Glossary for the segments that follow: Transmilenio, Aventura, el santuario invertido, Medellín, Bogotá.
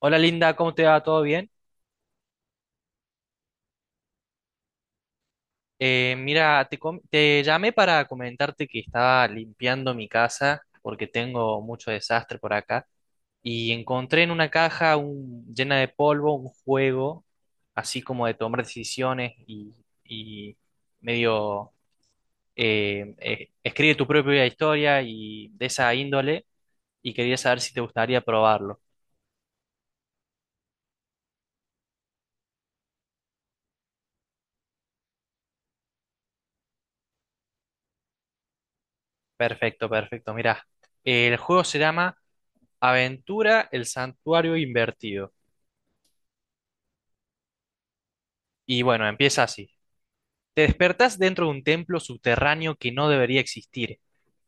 Hola Linda, ¿cómo te va? ¿Todo bien? Mira, te llamé para comentarte que estaba limpiando mi casa porque tengo mucho desastre por acá y encontré en una caja llena de polvo un juego así como de tomar decisiones y medio escribe tu propia historia y de esa índole y quería saber si te gustaría probarlo. Perfecto, perfecto. Mira, el juego se llama Aventura, el santuario invertido. Y bueno, empieza así. Te despertás dentro de un templo subterráneo que no debería existir.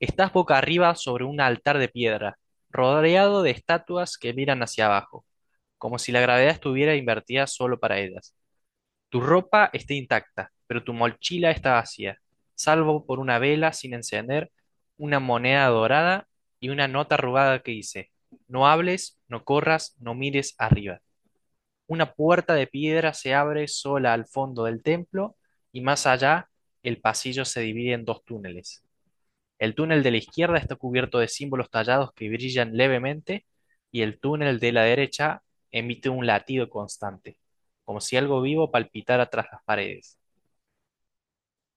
Estás boca arriba sobre un altar de piedra, rodeado de estatuas que miran hacia abajo, como si la gravedad estuviera invertida solo para ellas. Tu ropa está intacta, pero tu mochila está vacía, salvo por una vela sin encender, una moneda dorada y una nota arrugada que dice, no hables, no corras, no mires arriba. Una puerta de piedra se abre sola al fondo del templo y más allá el pasillo se divide en dos túneles. El túnel de la izquierda está cubierto de símbolos tallados que brillan levemente y el túnel de la derecha emite un latido constante, como si algo vivo palpitara tras las paredes.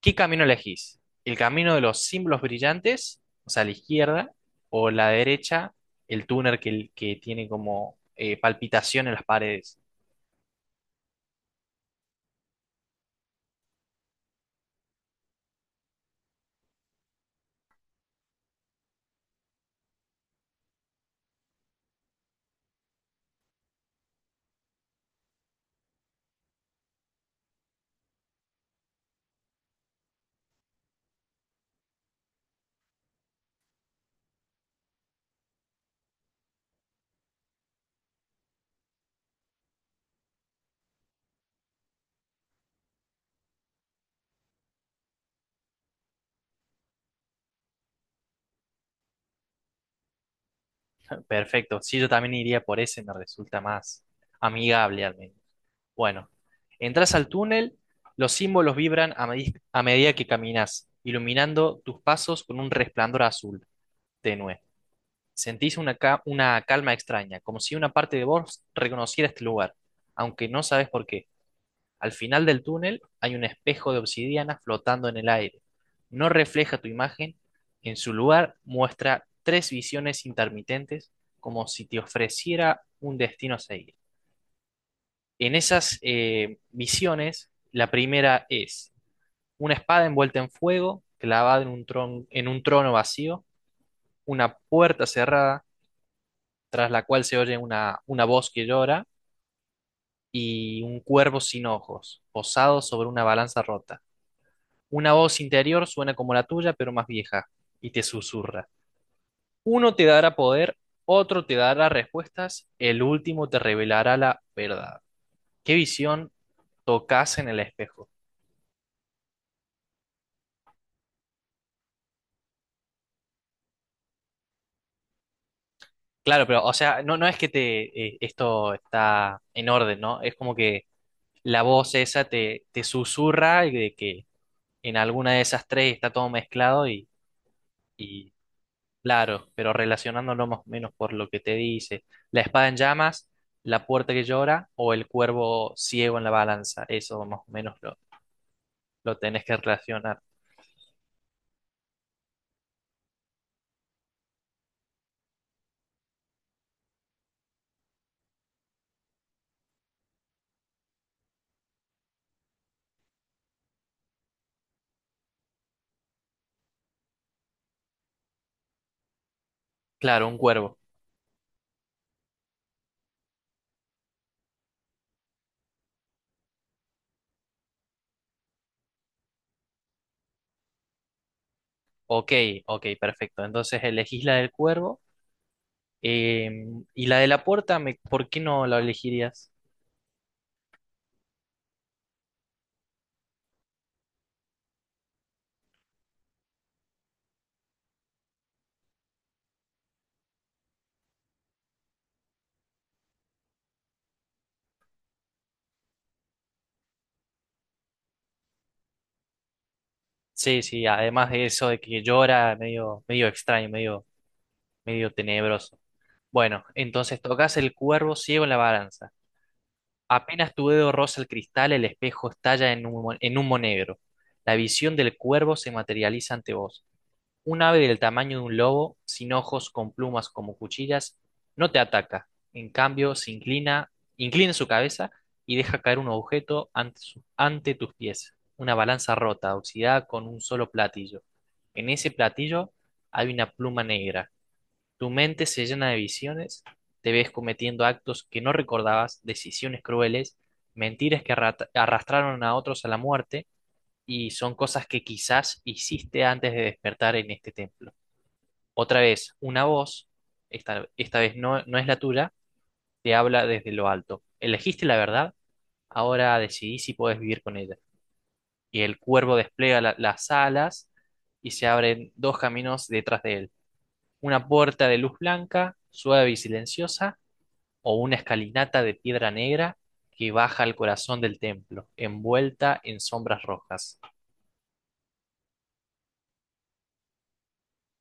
¿Qué camino elegís? ¿El camino de los símbolos brillantes, o sea, la izquierda, o la derecha, el túnel que tiene como palpitación en las paredes? Perfecto, sí, yo también iría por ese, me resulta más amigable al menos. Bueno, entras al túnel, los símbolos vibran a medida que caminas, iluminando tus pasos con un resplandor azul tenue. Sentís una calma extraña, como si una parte de vos reconociera este lugar, aunque no sabes por qué. Al final del túnel hay un espejo de obsidiana flotando en el aire. No refleja tu imagen, en su lugar muestra tres visiones intermitentes como si te ofreciera un destino a seguir. En esas visiones, la primera es una espada envuelta en fuego, clavada en un trono vacío, una puerta cerrada, tras la cual se oye una voz que llora, y un cuervo sin ojos, posado sobre una balanza rota. Una voz interior suena como la tuya, pero más vieja, y te susurra. Uno te dará poder, otro te dará respuestas, el último te revelará la verdad. ¿Qué visión tocas en el espejo? Claro, pero, o sea, no, no es que te, esto está en orden, ¿no? Es como que la voz esa te susurra y de que en alguna de esas tres está todo mezclado y, claro, pero relacionándolo más o menos por lo que te dice, la espada en llamas, la puerta que llora o el cuervo ciego en la balanza, eso más o menos, lo tenés que relacionar. Claro, un cuervo. Ok, ok, perfecto. Entonces elegís la del cuervo, eh, y la de la puerta, ¿por qué no la elegirías? Sí, sí, además de eso de que llora, medio, medio extraño, medio, medio tenebroso. Bueno, entonces tocas el cuervo ciego en la balanza. Apenas tu dedo roza el cristal, el espejo estalla en humo negro. La visión del cuervo se materializa ante vos. Un ave del tamaño de un lobo, sin ojos, con plumas como cuchillas, no te ataca. En cambio, se inclina, inclina su cabeza y deja caer un objeto ante tus pies. Una balanza rota, oxidada con un solo platillo. En ese platillo hay una pluma negra. Tu mente se llena de visiones, te ves cometiendo actos que no recordabas, decisiones crueles, mentiras que arrastraron a otros a la muerte y son cosas que quizás hiciste antes de despertar en este templo. Otra vez, una voz, esta vez no es la tuya, te habla desde lo alto. Elegiste la verdad, ahora decidí si puedes vivir con ella. Y el cuervo despliega las alas y se abren dos caminos detrás de él. Una puerta de luz blanca, suave y silenciosa o una escalinata de piedra negra que baja al corazón del templo, envuelta en sombras rojas.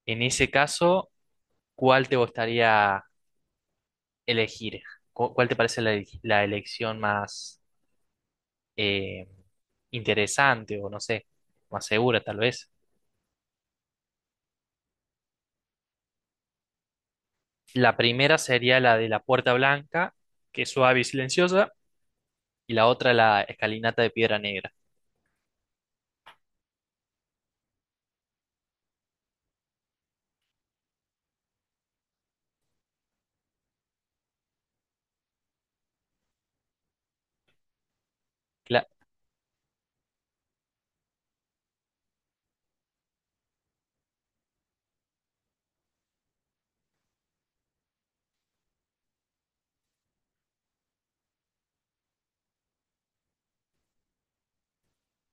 En ese caso, ¿cuál te gustaría elegir? ¿Cuál te parece la elección más eh, interesante o no sé, más segura tal vez? La primera sería la de la puerta blanca, que es suave y silenciosa, y la otra la escalinata de piedra negra. Cla-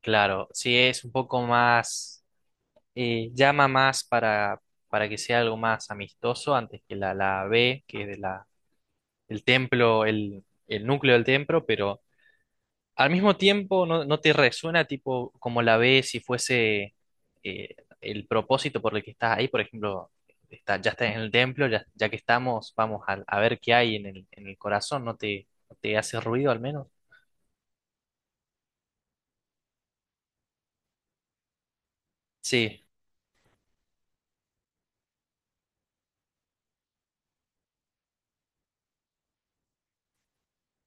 claro, sí es un poco más llama más para que sea algo más amistoso antes que la B, que es de la, el templo, el núcleo del templo, pero al mismo tiempo no, no te resuena tipo como la B si fuese el propósito por el que estás ahí, por ejemplo, está, ya estás en el templo, ya, ya que estamos, vamos a ver qué hay en en el corazón, ¿no te, no te hace ruido al menos? Sí.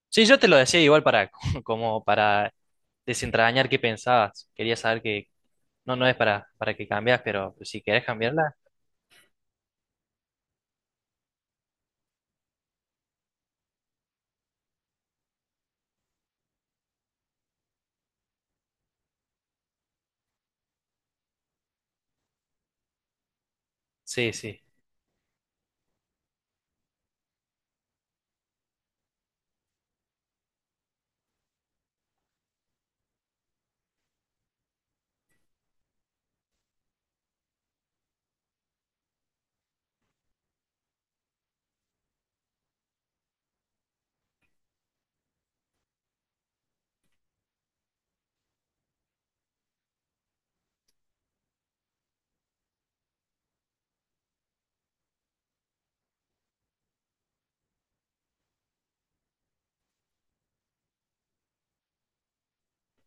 Sí, yo te lo decía igual para como para desentrañar qué pensabas. Quería saber qué, no, no es para que cambias, pero si querés cambiarla, sí, sí.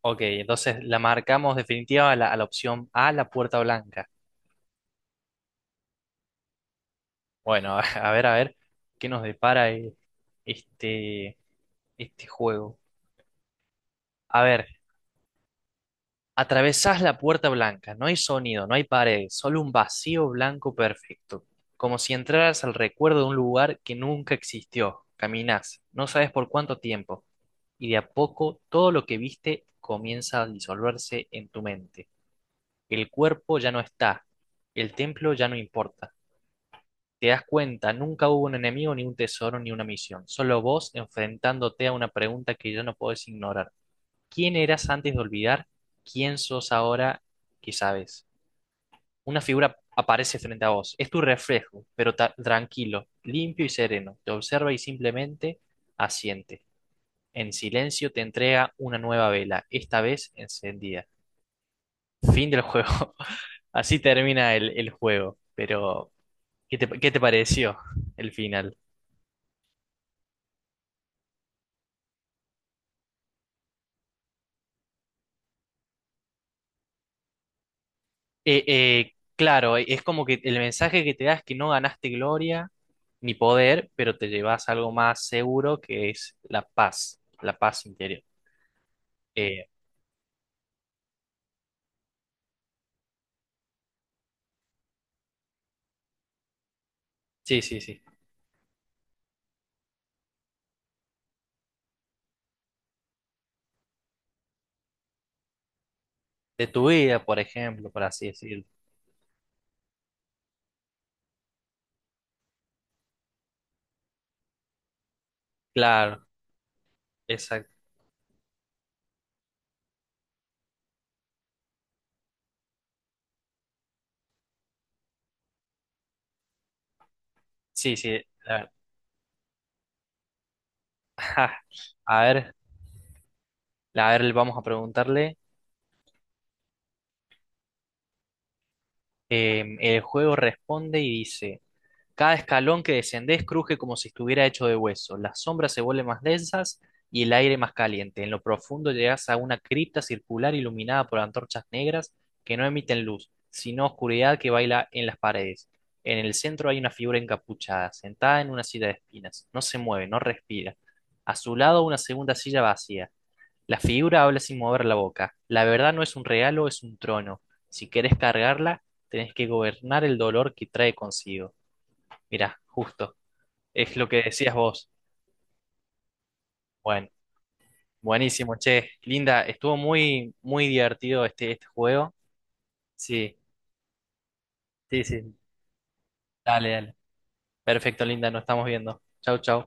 Ok, entonces la marcamos definitiva a a la opción A, la puerta blanca. Bueno, a ver, ¿qué nos depara este, este juego? A ver, atravesás la puerta blanca, no hay sonido, no hay pared, solo un vacío blanco perfecto, como si entraras al recuerdo de un lugar que nunca existió. Caminás, no sabes por cuánto tiempo, y de a poco todo lo que viste comienza a disolverse en tu mente. El cuerpo ya no está, el templo ya no importa. Te das cuenta, nunca hubo un enemigo, ni un tesoro, ni una misión. Solo vos enfrentándote a una pregunta que ya no podés ignorar. ¿Quién eras antes de olvidar? ¿Quién sos ahora que sabes? Una figura aparece frente a vos. Es tu reflejo, pero tranquilo, limpio y sereno. Te observa y simplemente asiente. En silencio te entrega una nueva vela, esta vez encendida. Fin del juego. Así termina el juego. Pero, qué te pareció el final? Claro, es como que el mensaje que te da es que no ganaste gloria ni poder, pero te llevas algo más seguro que es la paz interior. Eh, sí, sí, sí. De tu vida, por ejemplo, por así decirlo. Claro, exacto. Sí, sí. la- A ver, a ver, vamos a preguntarle. El juego responde y dice. Cada escalón que descendés cruje como si estuviera hecho de hueso. Las sombras se vuelven más densas y el aire más caliente. En lo profundo llegás a una cripta circular iluminada por antorchas negras que no emiten luz, sino oscuridad que baila en las paredes. En el centro hay una figura encapuchada, sentada en una silla de espinas. No se mueve, no respira. A su lado una segunda silla vacía. La figura habla sin mover la boca. La verdad no es un regalo, es un trono. Si querés cargarla, tenés que gobernar el dolor que trae consigo. Mira, justo. Es lo que decías vos. Bueno, buenísimo, che. Linda, estuvo muy, muy divertido este, este juego. Sí, sí, sí. Dale, dale. Perfecto, Linda, nos estamos viendo. Chau, chau.